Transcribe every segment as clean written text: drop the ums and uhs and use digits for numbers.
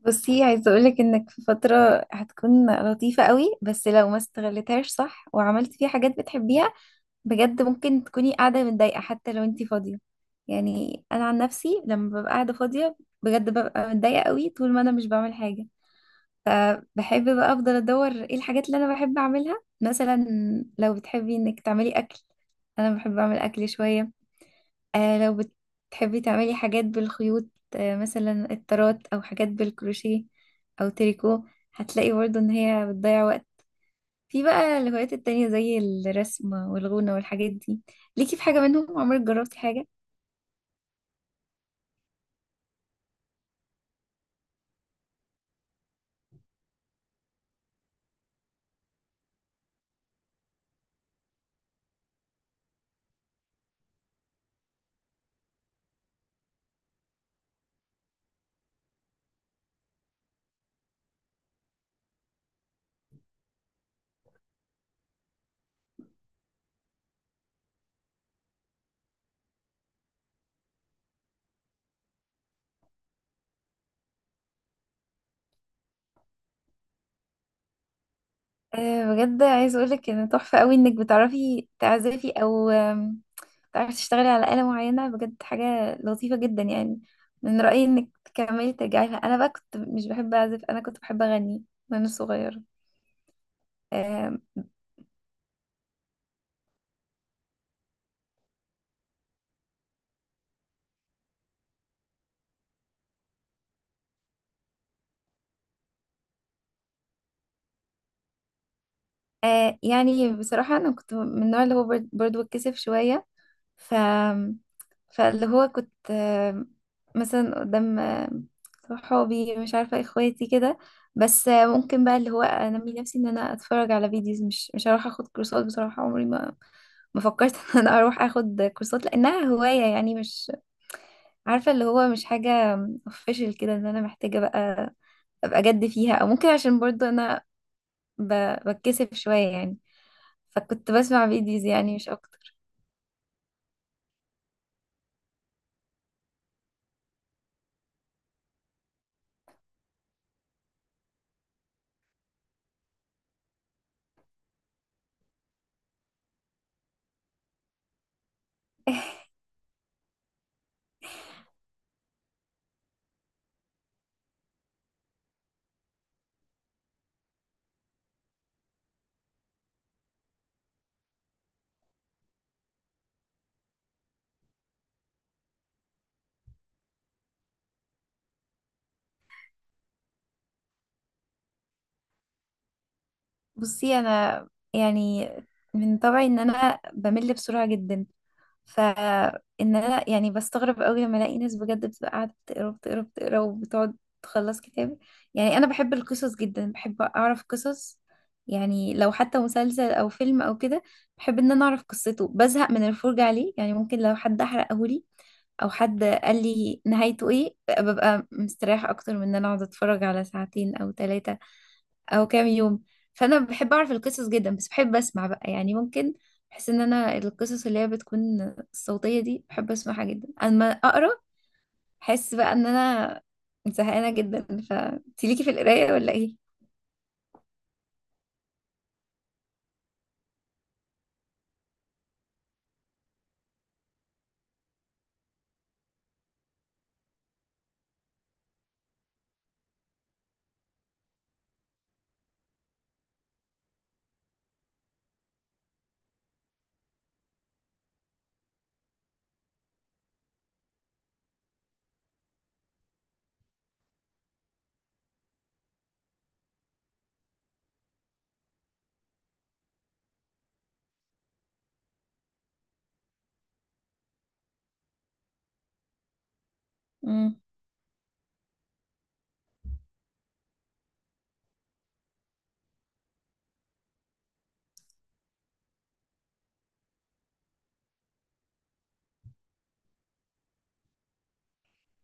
بصي، عايزة اقولك انك في فترة هتكون لطيفة قوي، بس لو ما استغلتهاش صح وعملت فيها حاجات بتحبيها بجد ممكن تكوني قاعدة متضايقة حتى لو انتي فاضية. يعني انا عن نفسي لما ببقى قاعدة فاضية بجد ببقى متضايقة قوي طول ما انا مش بعمل حاجة. فبحب بقى افضل ادور ايه الحاجات اللي انا بحب اعملها. مثلا لو بتحبي انك تعملي اكل، انا بحب اعمل اكل شوية. لو بتحبي تعملي حاجات بالخيوط، مثلا الطرات او حاجات بالكروشيه او تريكو، هتلاقي برضو ان هي بتضيع وقت. في بقى الهوايات التانية زي الرسم والغونة والحاجات دي، ليكي في حاجة منهم؟ عمرك جربتي حاجة؟ آه، بجد عايز اقولك ان تحفة قوي انك بتعرفي تعزفي، او بتعرفي تشتغلي على آلة معينة، بجد حاجة لطيفة جدا يعني. من رأيي انك تكملي ترجعي لها. انا بقى كنت مش بحب اعزف، انا كنت بحب اغني وانا صغيرة. آه يعني بصراحة أنا كنت من النوع اللي هو برضو بتكسف شوية. ف فاللي هو كنت مثلا قدام صحابي، مش عارفة اخواتي كده. بس ممكن بقى اللي هو أنمي نفسي إن أنا أتفرج على فيديوز، مش هروح أخد كورسات. بصراحة عمري ما فكرت إن أنا أروح أخد كورسات لأنها هواية، يعني مش عارفة اللي هو مش حاجة official كده إن أنا محتاجة بقى أبقى جد فيها. أو ممكن عشان برضو أنا بتكسف شوية يعني. فكنت بسمع فيديوز يعني مش اكتر. بصي، انا يعني من طبعي ان انا بمل بسرعة جدا. فان انا يعني بستغرب قوي لما الاقي ناس بجد بتبقى قاعده بتقرا بتقرا بتقرا وبتقعد تخلص كتاب. يعني انا بحب القصص جدا، بحب اعرف قصص. يعني لو حتى مسلسل او فيلم او كده بحب ان انا اعرف قصته، بزهق من الفرجه عليه. يعني ممكن لو حد احرقه لي او حد قال لي نهايته ايه، ببقى مستريحه اكتر من ان انا اقعد اتفرج على ساعتين او ثلاثه او كام يوم. فانا بحب اعرف القصص جدا، بس بحب اسمع بقى. يعني ممكن بحس ان انا القصص اللي هي بتكون الصوتية دي بحب اسمعها جدا. اما اقرا احس بقى ان انا زهقانة جدا. فانتي ليكي في القراية ولا ايه؟ امم.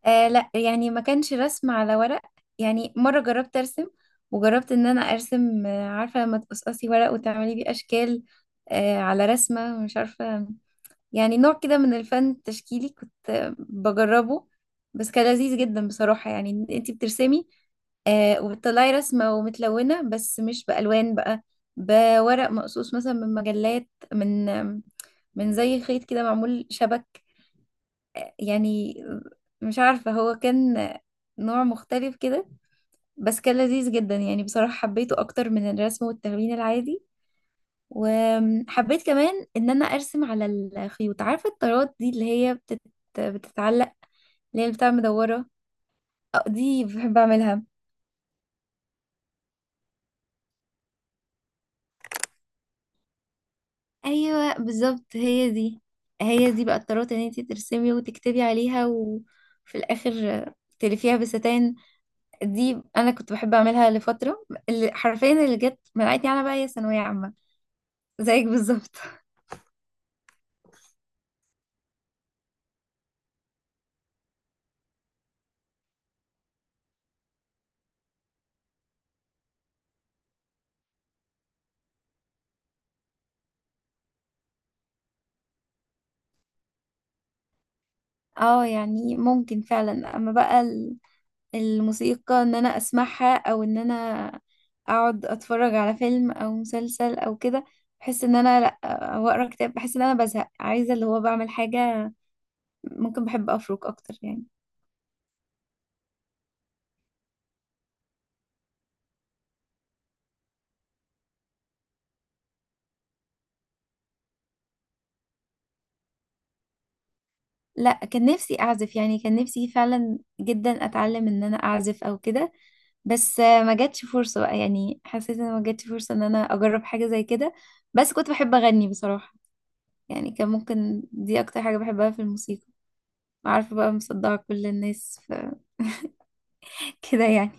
آه لا، يعني ما كانش رسم على ورق. يعني مرة جربت ارسم، وجربت ان انا ارسم، عارفة لما تقصقصي ورق وتعملي بيه اشكال على رسمة، مش عارفة. يعني نوع كده من الفن التشكيلي كنت بجربه، بس كان لذيذ جدا بصراحة. يعني إن انتي بترسمي وبتطلعي رسمة ومتلونة، بس مش بألوان بقى، بورق مقصوص، مثلا من مجلات، من زي خيط كده معمول شبك. يعني مش عارفة هو كان نوع مختلف كده، بس كان لذيذ جدا يعني. بصراحة حبيته أكتر من الرسم والتلوين العادي. وحبيت كمان ان انا ارسم على الخيوط، عارفه الطرات دي اللي هي بتتعلق، اللي هي بتاع مدوره. دي بحب اعملها. ايوه بالظبط، هي دي. هي دي بقى الطرات، ان انتي ترسمي وتكتبي عليها وفي الاخر تلفيها بستان. دي انا كنت بحب اعملها لفتره، اللي حرفيا اللي جت منعتني انا بقى هي ثانويه عامه، زيك بالظبط. اه يعني ممكن فعلا، اما بقى الموسيقى ان انا اسمعها او ان انا اقعد اتفرج على فيلم او مسلسل او كده، بحس ان انا لا. او اقرا كتاب بحس ان انا بزهق، عايزه اللي هو بعمل حاجه. ممكن بحب افرك اكتر يعني. لا، كان نفسي اعزف، يعني كان نفسي فعلا جدا اتعلم ان انا اعزف او كده، بس ما جاتش فرصه بقى. يعني حسيت ان ما جاتش فرصه ان انا اجرب حاجه زي كده. بس كنت بحب اغني بصراحه، يعني كان ممكن دي اكتر حاجه بحبها في الموسيقى. عارفه بقى مصدعه كل الناس كده يعني.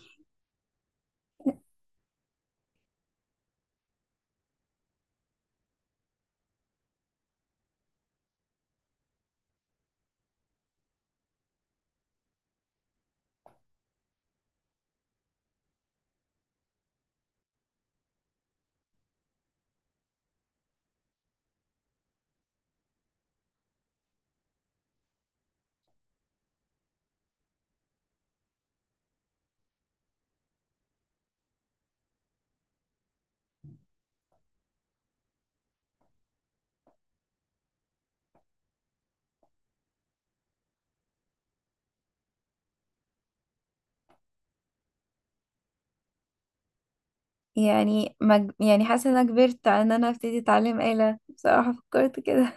يعني يعني حاسة ان انا كبرت على ان انا ابتدي اتعلم آلة، بصراحة فكرت كده.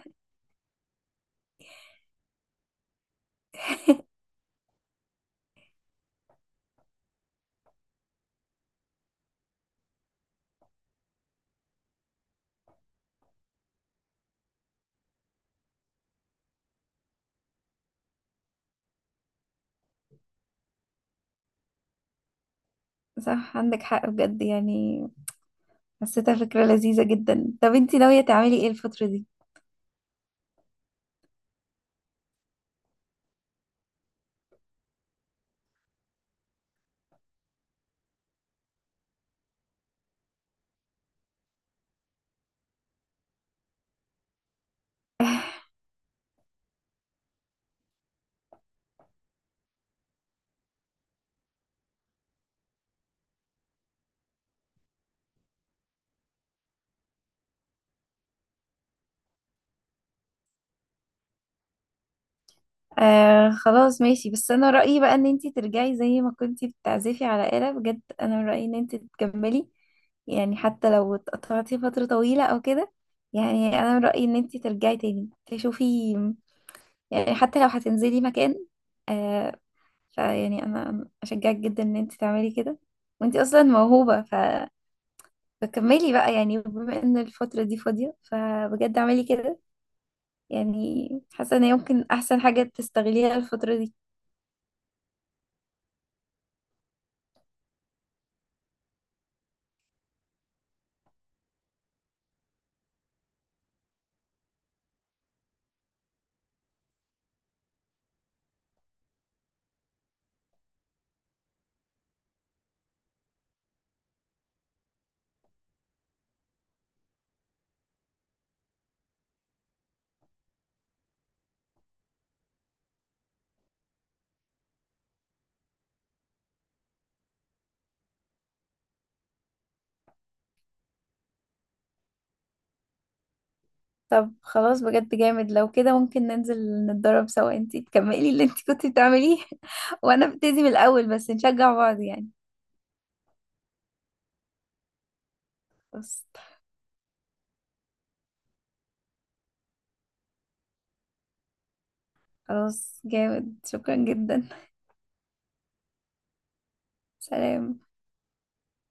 صح عندك حق بجد يعني، حسيتها فكرة لذيذة جدا. طب انتي ناوية تعملي ايه الفترة دي؟ آه خلاص ماشي، بس انا رأيي بقى ان انتي ترجعي زي ما كنتي بتعزفي على آلة، بجد انا رأيي ان انتي تكملي، يعني حتى لو اتقطعتي فترة طويلة او كده. يعني انا رأيي ان انتي ترجعي تاني تشوفي، يعني حتى لو هتنزلي مكان، آه، فيعني انا اشجعك جدا ان انت تعملي كده. وانت اصلا موهوبة فكملي بقى يعني، بما ان الفترة دي فاضية فبجد اعملي كده. يعني حاسة ان هي ممكن احسن حاجة تستغليها الفترة دي. طب خلاص بجد جامد، لو كده ممكن ننزل نتدرب سوا، انت تكملي اللي انت كنت بتعمليه وانا ابتدي من الاول، بس نشجع بعض يعني. بس خلاص جامد، شكرا جدا. سلام.